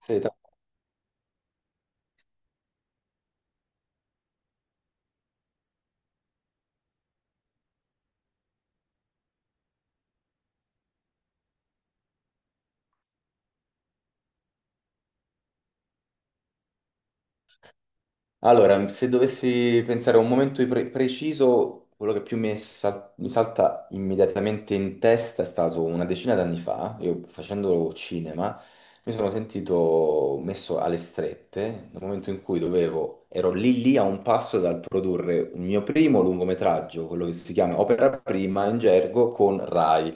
Sì, allora, se dovessi pensare a un momento preciso, quello che più mi salta immediatamente in testa è stato una decina d'anni fa, io facendo cinema, mi sono sentito messo alle strette, nel momento in cui ero lì lì a un passo dal produrre un mio primo lungometraggio, quello che si chiama Opera Prima in gergo con Rai.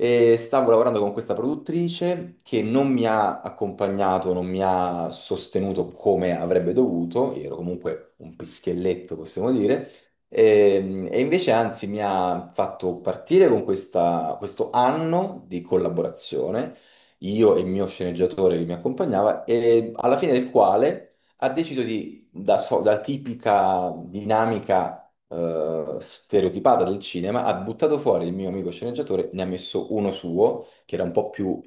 E stavo lavorando con questa produttrice che non mi ha accompagnato, non mi ha sostenuto come avrebbe dovuto, io ero comunque un pischelletto, possiamo dire, e invece anzi mi ha fatto partire con questo anno di collaborazione, io e il mio sceneggiatore che mi accompagnava, e alla fine del quale ha deciso di, da tipica dinamica stereotipata del cinema, ha buttato fuori il mio amico sceneggiatore, ne ha messo uno suo, che era un po' più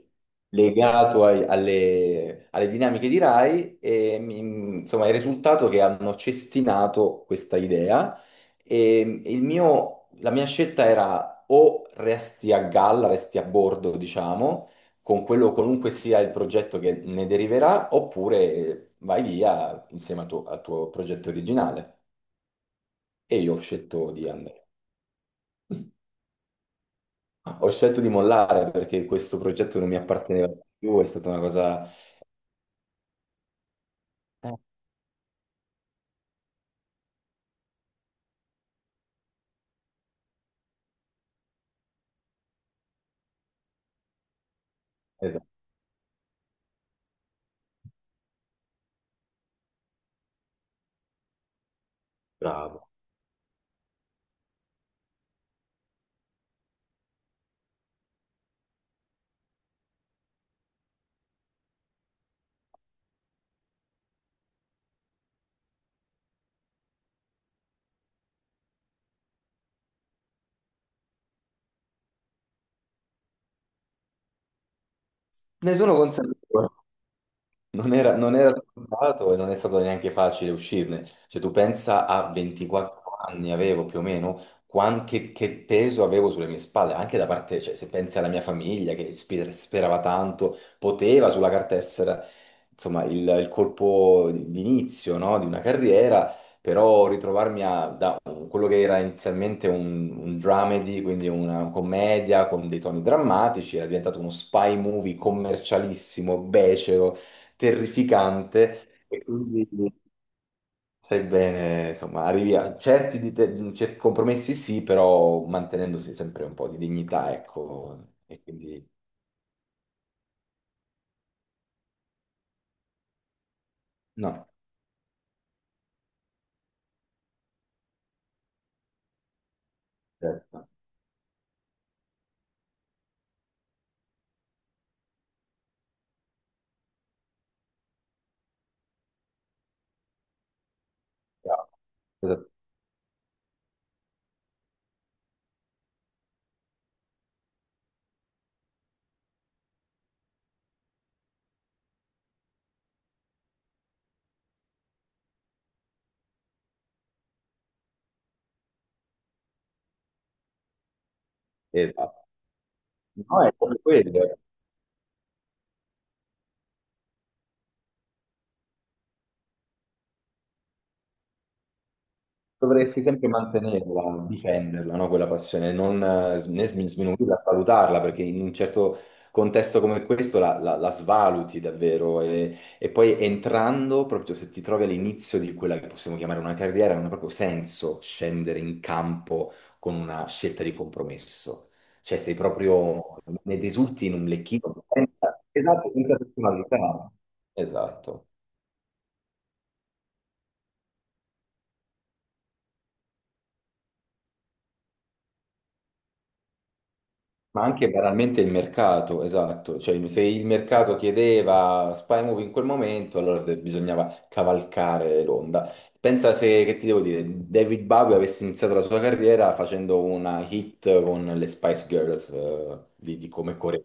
legato alle dinamiche di Rai, e insomma il risultato è che hanno cestinato questa idea e la mia scelta era o resti a galla, resti a bordo, diciamo, con quello qualunque sia il progetto che ne deriverà, oppure vai via insieme al tuo progetto originale. E io ho scelto di andare. Ho scelto di mollare perché questo progetto non mi apparteneva più, è stata una cosa. Eh, esatto, bravo. Ne sono consapevole. Non era, non era scontato e non è stato neanche facile uscirne. Cioè, tu pensa a 24 anni avevo più o meno, che peso avevo sulle mie spalle, anche da parte, cioè, se pensi alla mia famiglia che sperava tanto, poteva sulla carta essere, insomma, il colpo d'inizio, no? Di una carriera, però ritrovarmi da quello che era inizialmente un dramedy, quindi una commedia con dei toni drammatici, era diventato uno spy movie commercialissimo, becero, terrificante e quindi sai bene, insomma, arrivi a certi compromessi, sì, però mantenendosi sempre un po' di dignità, ecco, e quindi no, certo, bravo, esatto. Esatto. No, è proprio quello. Dovresti sempre mantenerla, difenderla, no? Quella passione, non né sminuirla, valutarla, perché in un certo contesto come questo la svaluti davvero. E poi entrando, proprio se ti trovi all'inizio di quella che possiamo chiamare una carriera, non ha proprio senso scendere in campo con una scelta di compromesso. Cioè, sei proprio, ne risulti in un lecchino, esatto, senza personalità. Esatto. Ma anche banalmente il mercato, esatto, cioè se il mercato chiedeva Spy Movie in quel momento, allora bisognava cavalcare l'onda. Pensa se, che ti devo dire, David Bowie avesse iniziato la sua carriera facendo una hit con le Spice Girls, di come coreo.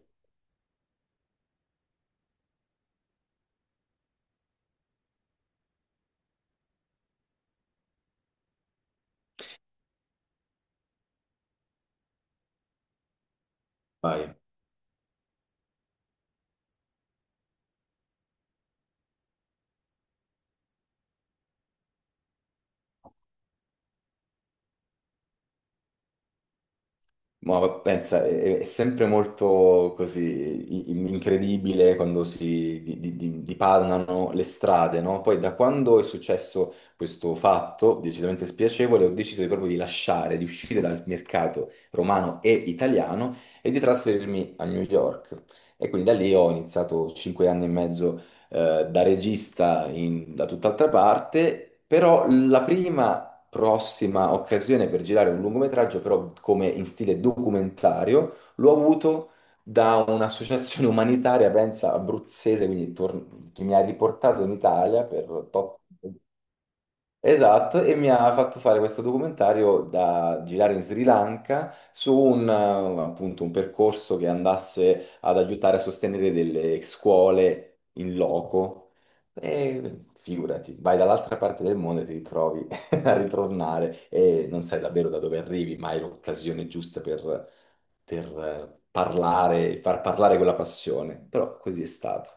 Ma pensa, è sempre molto così incredibile quando si dipanano le strade, no? Poi da quando è successo questo fatto decisamente spiacevole, ho deciso proprio di lasciare, di uscire dal mercato romano e italiano e di trasferirmi a New York. E quindi da lì ho iniziato 5 anni e mezzo da regista da tutt'altra parte, però la prima prossima occasione per girare un lungometraggio, però come in stile documentario, l'ho avuto da un'associazione umanitaria, pensa, abruzzese, quindi che mi ha riportato in Italia per esatto, e mi ha fatto fare questo documentario da girare in Sri Lanka su un, appunto, un percorso che andasse ad aiutare a sostenere delle scuole in loco. E figurati, vai dall'altra parte del mondo e ti ritrovi a ritornare e non sai davvero da dove arrivi, ma hai l'occasione giusta per, parlare, far parlare quella passione. Però così è stato.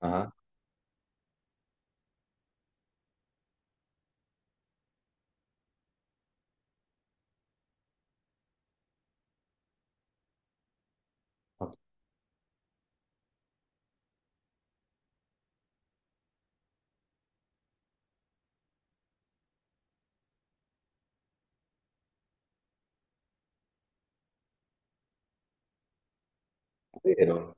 Ah, ok, vero,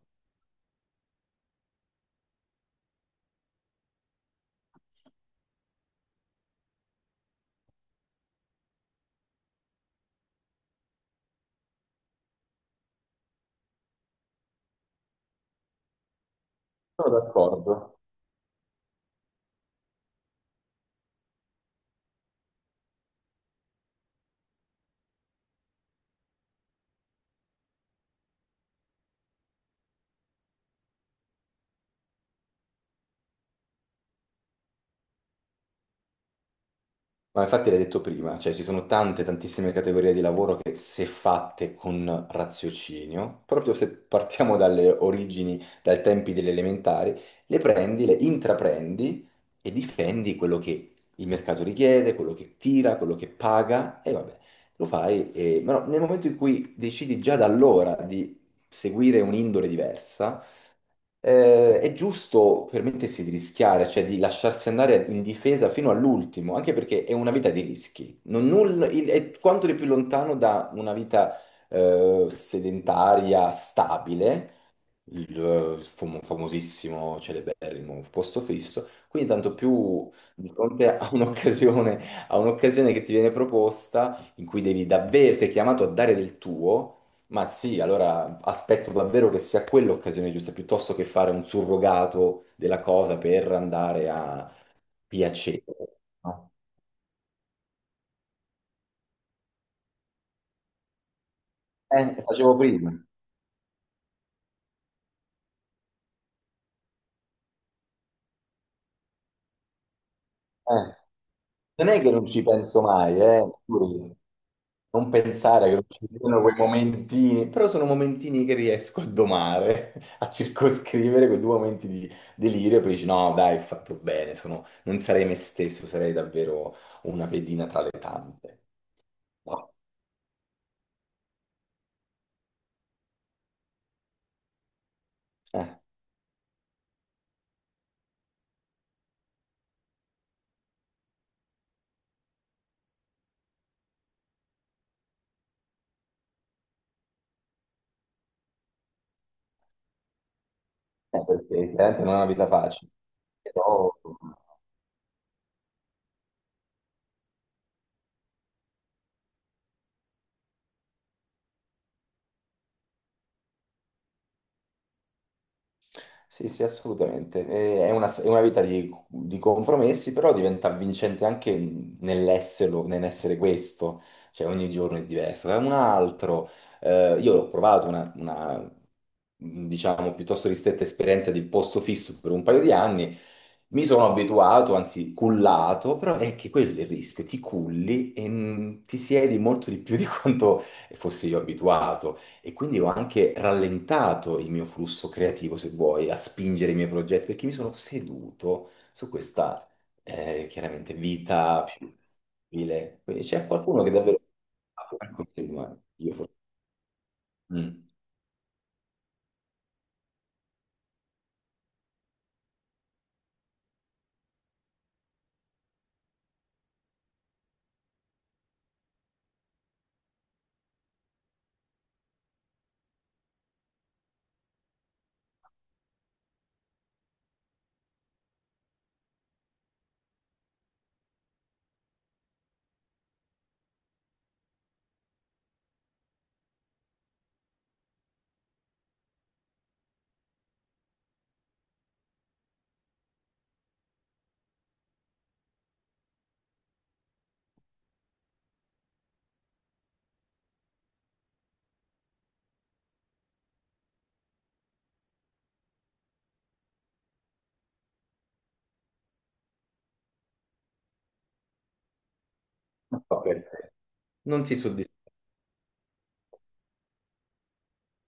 sono d'accordo. Ma infatti l'hai detto prima, cioè ci sono tante, tantissime categorie di lavoro che se fatte con raziocinio, proprio se partiamo dalle origini, dai tempi delle elementari, le prendi, le intraprendi e difendi quello che il mercato richiede, quello che tira, quello che paga e vabbè, lo fai. E... Ma no, nel momento in cui decidi già da allora di seguire un'indole diversa, è giusto permettersi di rischiare, cioè di lasciarsi andare in difesa fino all'ultimo, anche perché è una vita di rischi. Non nulla- il- È quanto di più lontano da una vita, sedentaria stabile, il famosissimo celeberrimo posto fisso, quindi tanto più di fronte a un'occasione che ti viene proposta in cui devi davvero, sei chiamato a dare del tuo, ma sì, allora aspetto davvero che sia quella l'occasione giusta, piuttosto che fare un surrogato della cosa per andare a piacere, no? Facevo prima, eh. Non è che non ci penso mai, eh. Non pensare che ci siano quei momentini, però sono momentini che riesco a domare, a circoscrivere quei due momenti di delirio, poi dici no, dai, ho fatto bene, non sarei me stesso, sarei davvero una pedina tra le tante. No. Eh, perché chiaramente non è una vita facile, però... Sì, sì, assolutamente. È una vita di compromessi, però diventa vincente anche nell'esserlo, nell'essere questo, cioè ogni giorno è diverso. Io ho provato una diciamo, piuttosto ristretta esperienza di posto fisso per un paio di anni, mi sono abituato, anzi cullato, però è che quello è il rischio, ti culli e ti siedi molto di più di quanto fossi io abituato e quindi ho anche rallentato il mio flusso creativo, se vuoi, a spingere i miei progetti, perché mi sono seduto su questa, chiaramente, vita più stabile. Quindi c'è qualcuno che davvero... Io forse... Mm. Non so perché. Non ti soddisfa.